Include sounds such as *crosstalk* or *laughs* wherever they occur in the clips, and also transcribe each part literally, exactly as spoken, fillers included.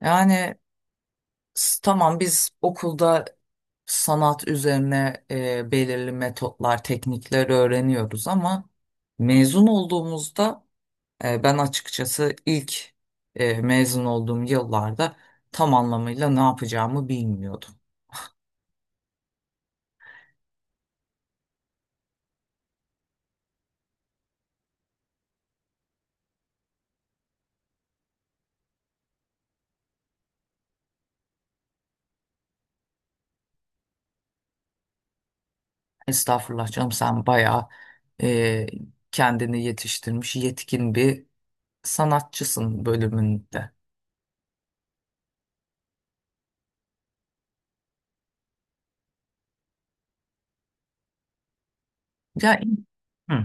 Yani s- tamam biz okulda sanat üzerine e, belirli metotlar, teknikler öğreniyoruz ama mezun olduğumuzda e, ben açıkçası ilk e, mezun olduğum yıllarda tam anlamıyla ne yapacağımı bilmiyordum. Estağfurullah canım, sen bayağı e, kendini yetiştirmiş yetkin bir sanatçısın bölümünde. Ya, hı,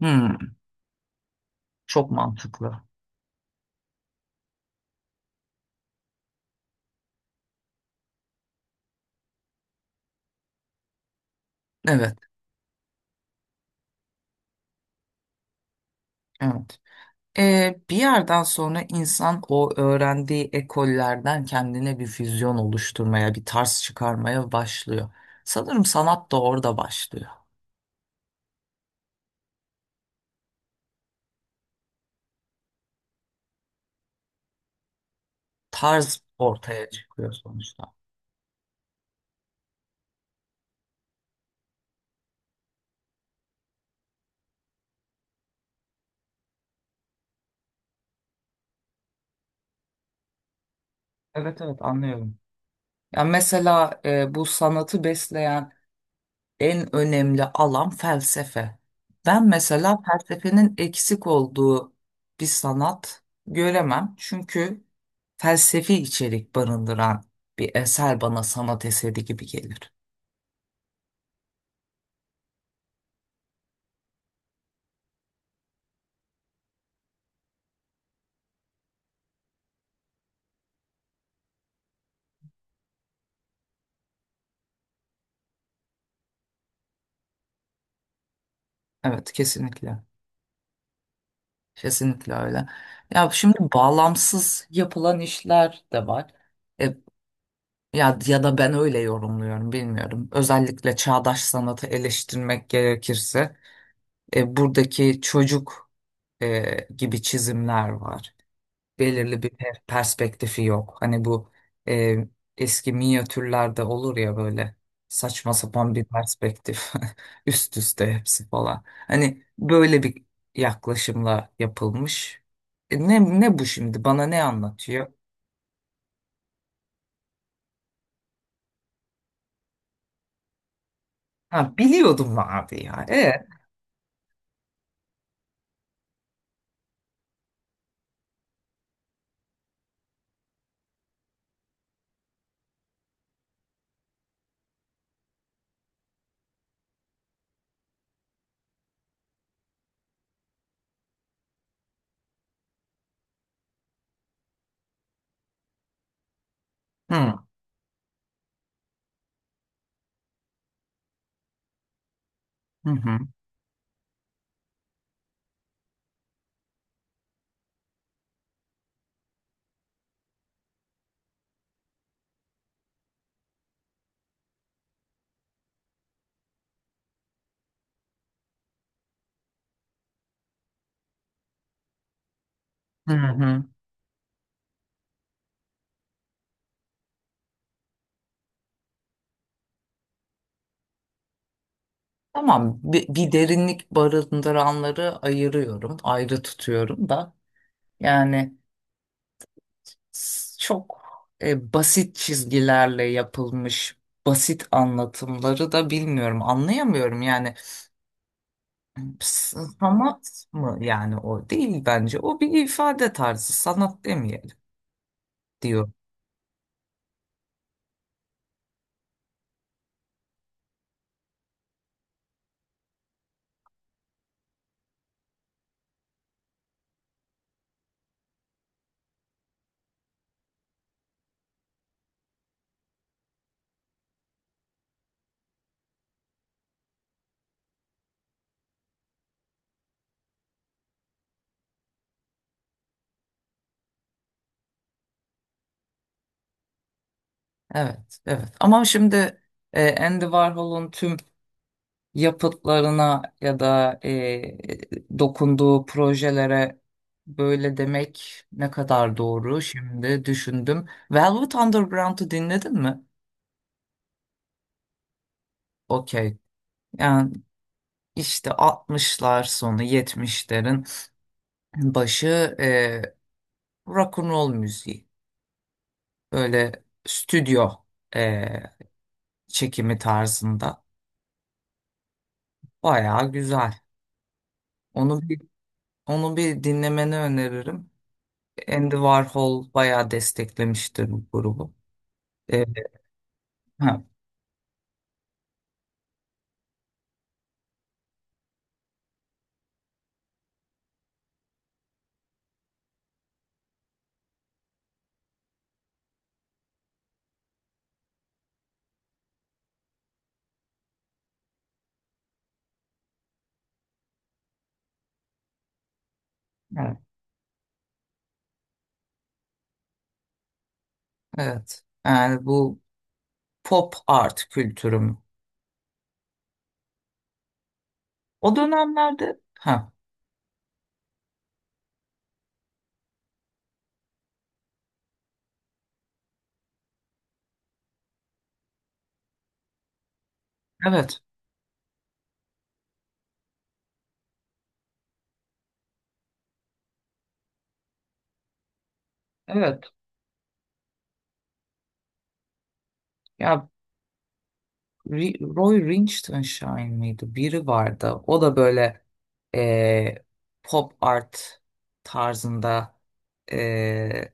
hı, çok mantıklı. Evet. Evet. Ee, bir yerden sonra insan o öğrendiği ekollerden kendine bir füzyon oluşturmaya, bir tarz çıkarmaya başlıyor. Sanırım sanat da orada başlıyor. Tarz ortaya çıkıyor sonuçta. Evet, evet, anlıyorum. Ya mesela e, bu sanatı besleyen en önemli alan felsefe. Ben mesela felsefenin eksik olduğu bir sanat göremem. Çünkü felsefi içerik barındıran bir eser bana sanat eseri gibi gelir. Evet, kesinlikle. Kesinlikle öyle. Ya şimdi bağlamsız yapılan işler de var. E, Ya, ya da ben öyle yorumluyorum, bilmiyorum. Özellikle çağdaş sanatı eleştirmek gerekirse e, buradaki çocuk e, gibi çizimler var. Belirli bir per- perspektifi yok. Hani bu e, eski minyatürlerde olur ya, böyle saçma sapan bir perspektif *laughs* üst üste hepsi falan. Hani böyle bir yaklaşımla yapılmış. E, ne ne bu şimdi? Bana ne anlatıyor? Ha, biliyordum abi ya. E, hı, hı hı, hı hı. Tamam, bir, bir derinlik barındıranları ayırıyorum. Ayrı tutuyorum da. Yani s- çok e, basit çizgilerle yapılmış basit anlatımları da bilmiyorum. Anlayamıyorum yani. s- sanat mı yani, o değil bence. O bir ifade tarzı, sanat demeyelim diyor. Evet, evet, ama şimdi e, Andy Warhol'un tüm yapıtlarına ya da e, dokunduğu projelere böyle demek ne kadar doğru, şimdi düşündüm. Velvet Underground'u dinledin mi? Okey. Yani işte altmışlar sonu yetmişlerin başı e, rock and roll müziği. Böyle stüdyo e, çekimi tarzında. Bayağı güzel. Onu bir, onu bir dinlemeni öneririm. Andy Warhol bayağı desteklemiştir bu grubu. E, ha, evet. Evet. Yani bu pop art kültürüm. O dönemlerde, ha, evet, evet. Ya Ri- Roy Lichtenstein miydi? Biri vardı. O da böyle e, pop art tarzında e,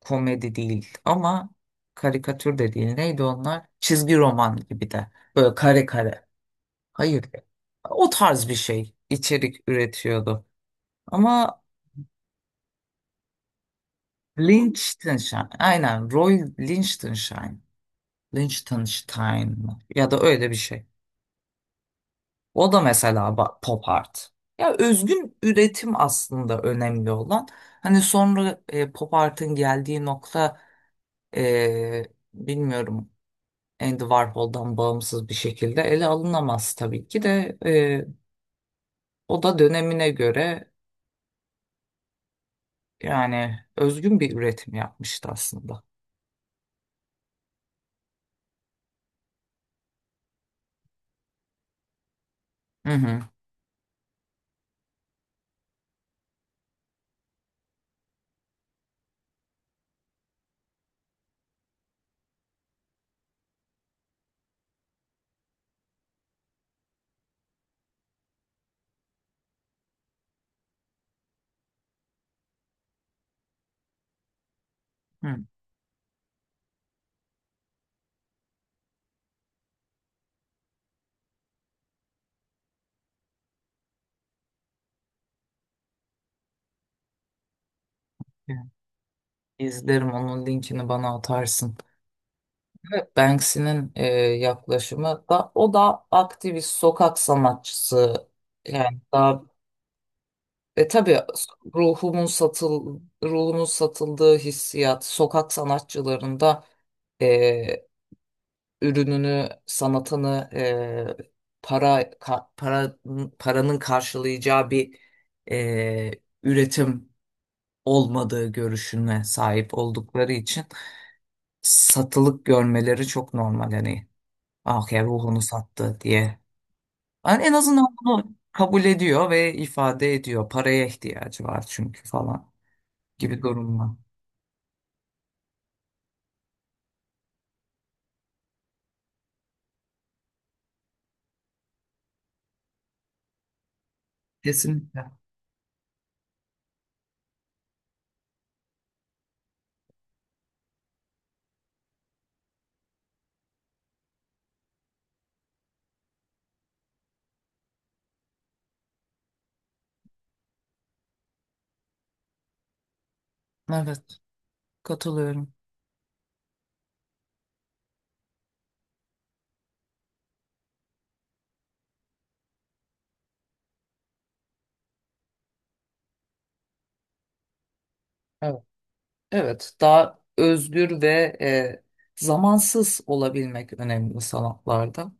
komedi değil ama karikatür de değil. Neydi onlar? Çizgi roman gibi de. Böyle kare kare. Hayır. O tarz bir şey içerik üretiyordu. Ama Liechtenstein, aynen, Roy Liechtenstein, Liechtenstein mı? Ya da öyle bir şey. O da mesela ba- pop art. Ya özgün üretim aslında önemli olan. Hani sonra e, pop art'ın geldiği nokta e, bilmiyorum, Andy Warhol'dan bağımsız bir şekilde ele alınamaz tabii ki de, e, o da dönemine göre yani özgün bir üretim yapmıştı aslında. Hı hı. Hı. İzlerim, onun linkini bana atarsın. Evet, Banksy'nin e, yaklaşımı da, o da aktivist sokak sanatçısı yani daha e, tabii, ruhumun satıl ruhumun satıldığı hissiyat sokak sanatçılarında e, ürününü, sanatını e, para ka- para paranın karşılayacağı bir e, üretim olmadığı görüşüne sahip oldukları için satılık görmeleri çok normal, hani ah ya, ruhunu sattı diye. Yani en azından bunu kabul ediyor ve ifade ediyor. Paraya ihtiyacı var çünkü falan gibi durumlar. Kesinlikle. Evet, katılıyorum. Evet. Evet, daha özgür ve e, zamansız olabilmek önemli sanatlarda.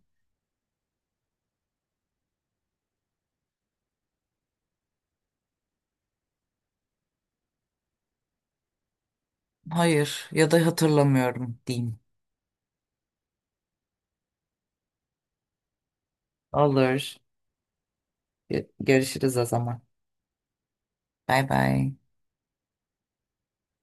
Hayır, ya da hatırlamıyorum diyeyim. Olur. Ge- Görüşürüz o zaman. Bay bay.